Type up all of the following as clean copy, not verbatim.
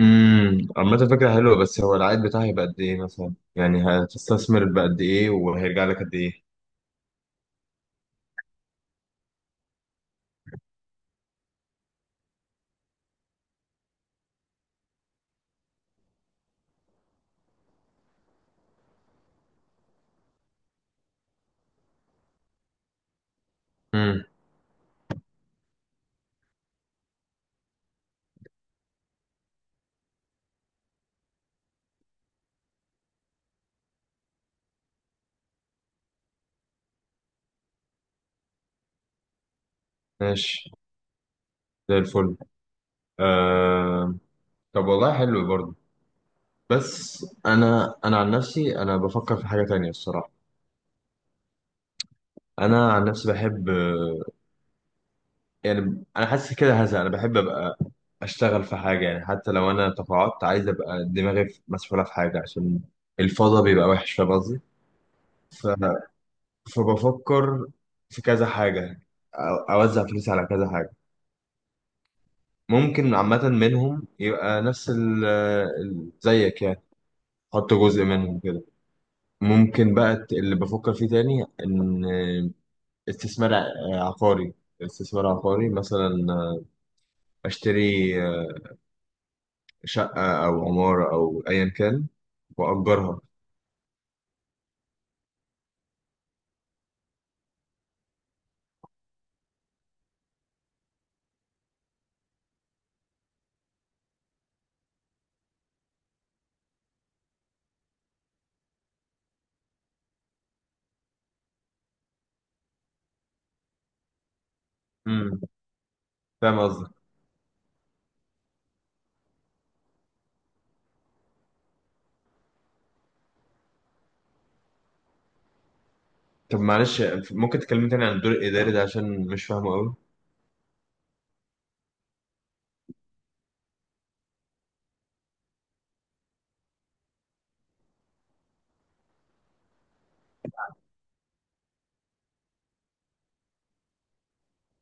عامة فكرة حلوة، بس هو العائد بتاعها هيبقى قد ايه مثلا؟ يعني هتستثمر بقد ايه وهيرجع لك قد ايه؟ امم ماشي، زي الفل. آه. طب، والله حلو برضه. بس انا عن نفسي انا بفكر في حاجة تانية الصراحة. انا عن نفسي بحب، يعني انا حاسس كده، هذا انا بحب ابقى اشتغل في حاجة، يعني حتى لو انا تقاعدت عايز ابقى دماغي مسؤولة في حاجة، عشان الفضا بيبقى وحش. فاهم قصدي؟ فبفكر في كذا حاجة، أوزع فلوسي على كذا حاجة. ممكن عامة منهم يبقى نفس زيك يعني. أحط جزء منهم كده. ممكن بقى اللي بفكر فيه تاني إن استثمار عقاري. استثمار عقاري مثلا. أشتري شقة أو عمارة أو أيا كان، وأجرها. امم فاهم قصدك. طب معلش، ممكن تكلمني تاني عن الدور الإداري ده، عشان مش فاهمه أوي.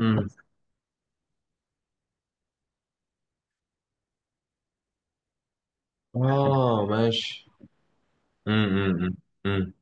امم. آه، ماشي. امم. امم.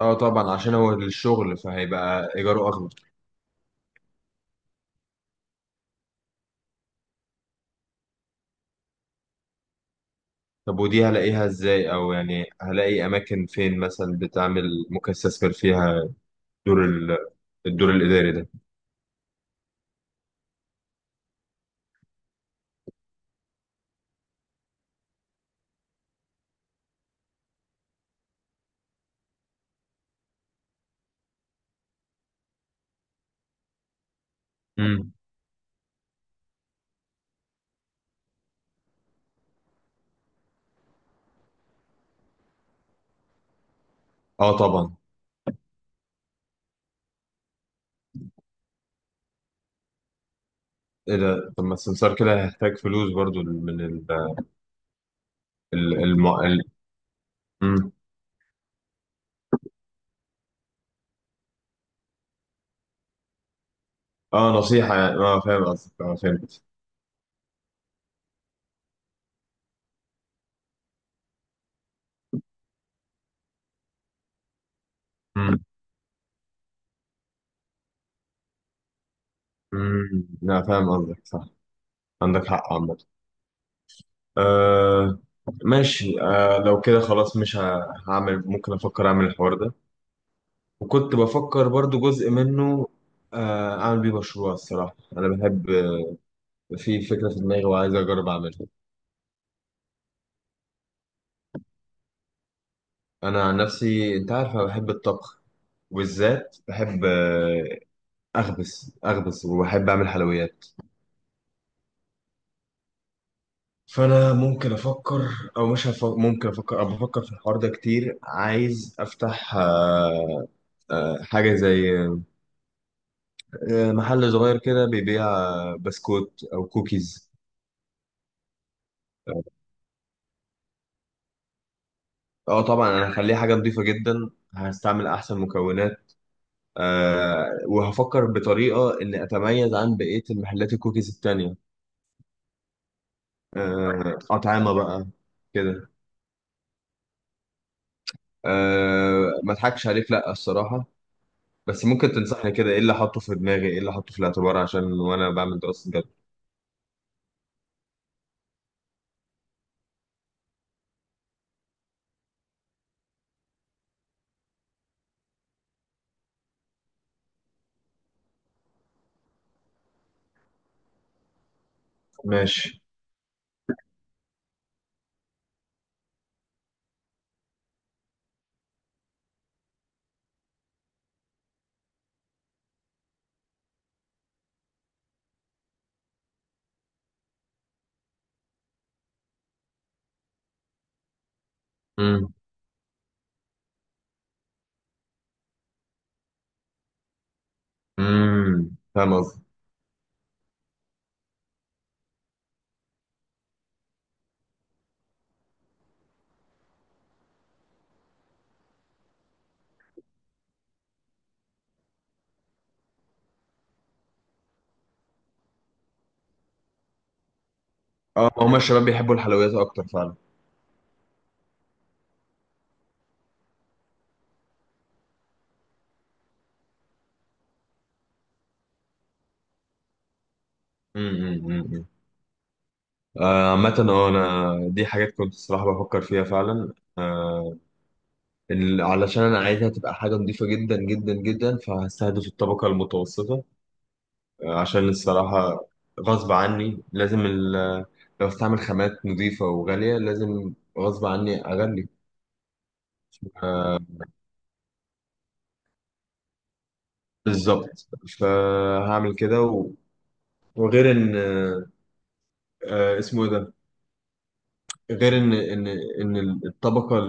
اه، طبعا، عشان هو الشغل فهيبقى ايجاره اغلى. طب ودي هلاقيها ازاي، او يعني هلاقي اماكن فين مثلا بتعمل؟ ممكن استثمر فيها دور ال- الدور الاداري ده. امم. اه طبعا. ايه ده؟ طب ما السمسار كده هيحتاج فلوس برضو من ال. مم. اه، نصيحة يعني، اه، فاهم قصدك، اه، فهمت. امم. امم، لا فاهم قصدك صح. عندك حق عامة. آه. ماشي، آه، لو كده خلاص مش هعمل، ممكن افكر اعمل الحوار ده. وكنت بفكر برضو جزء منه، اعمل بيه مشروع، الصراحة انا بحب، في فكرة في دماغي وعايز اجرب اعملها. انا عن نفسي، انت عارف، انا بحب الطبخ، وبالذات بحب، اخبز اخبز، وبحب اعمل حلويات. فانا ممكن افكر، او مش هف... ممكن افكر، او بفكر في الحوار ده كتير. عايز افتح، حاجة زي، محل صغير كده بيبيع بسكوت او كوكيز. اه. طبعا انا هخليه حاجه نظيفه جدا، هستعمل احسن مكونات. وهفكر بطريقه اني اتميز عن بقيه المحلات الكوكيز التانية. أه، اطعمه بقى كده. أه، ما اضحكش عليك، لا الصراحه. بس ممكن تنصحني كده، ايه اللي احطه في دماغي، ايه اللي احطه في الاعتبار عشان وانا بعمل دراسه جدوى؟ ماشي. امم. امم، فاهم قصدي. اه، هما الشباب بيحبوا الحلويات اكتر فعلا. امم. عامة، اه انا دي حاجات كنت الصراحة بفكر فيها فعلا، علشان انا عايزها تبقى حاجة نظيفة جدا جدا جدا، فهستهدف الطبقة المتوسطة. عشان الصراحة غصب عني لازم لو استعمل خامات نظيفة وغالية، لازم غصب عني اغلي. آه، بالظبط. فهعمل كده، وغير ان، اسمه ايه ده؟ غير ان الطبقة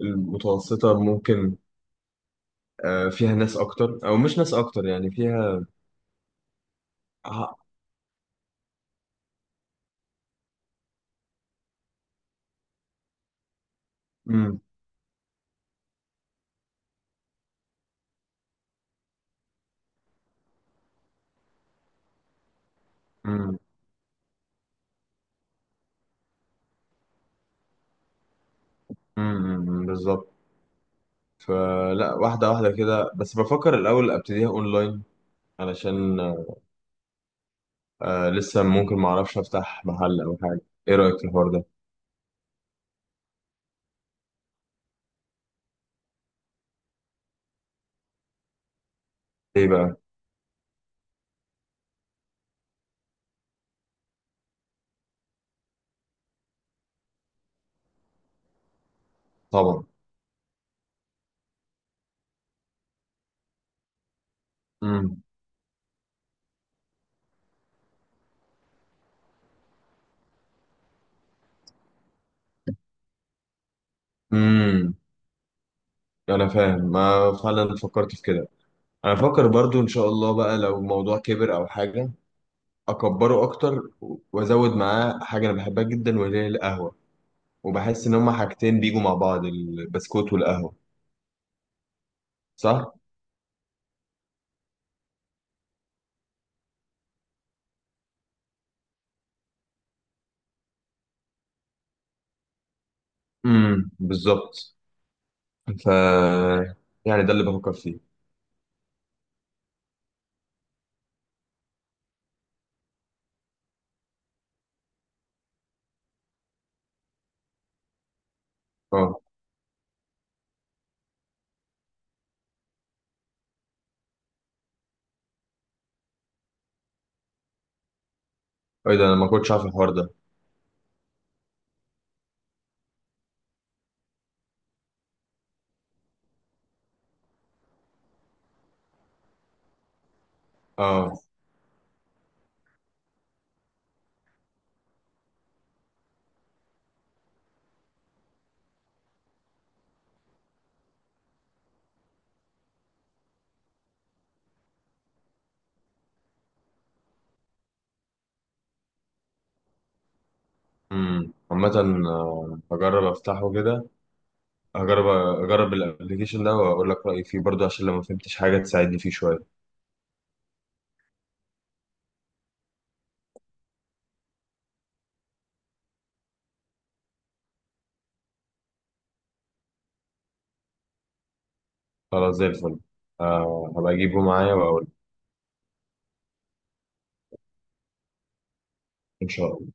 المتوسطة ممكن، فيها ناس اكتر او مش ناس اكتر، يعني فيها، آه، امم. امم. امم. بالظبط. فلا، واحده واحده كده، بس بفكر الاول ابتديها اونلاين، علشان لسه ممكن ما اعرفش افتح محل او حاجه. ايه رايك في الحوار ده؟ ايه بقى؟ طبعا. امم. امم. انا فاهم، ما فعلا فكرت في كده. انا بفكر برضو ان شاء الله بقى، لو الموضوع كبر او حاجه، اكبره اكتر، وازود معاه حاجه انا بحبها جدا، وهي القهوه. وبحس ان هما حاجتين بيجوا مع بعض، البسكوت والقهوة. صح؟ امم، بالظبط. ف يعني ده اللي بفكر فيه. اه. ايه ده، انا ما كنتش عارف الحوار ده. اه. عامة، هجرب افتحه كده. هجرب. اجرب الابلكيشن ده واقول لك رأيي فيه برضه، عشان لو ما فهمتش حاجة تساعدني فيه شوية. خلاص، زي الفل. هبقى اجيبه معايا واقول. ان شاء الله.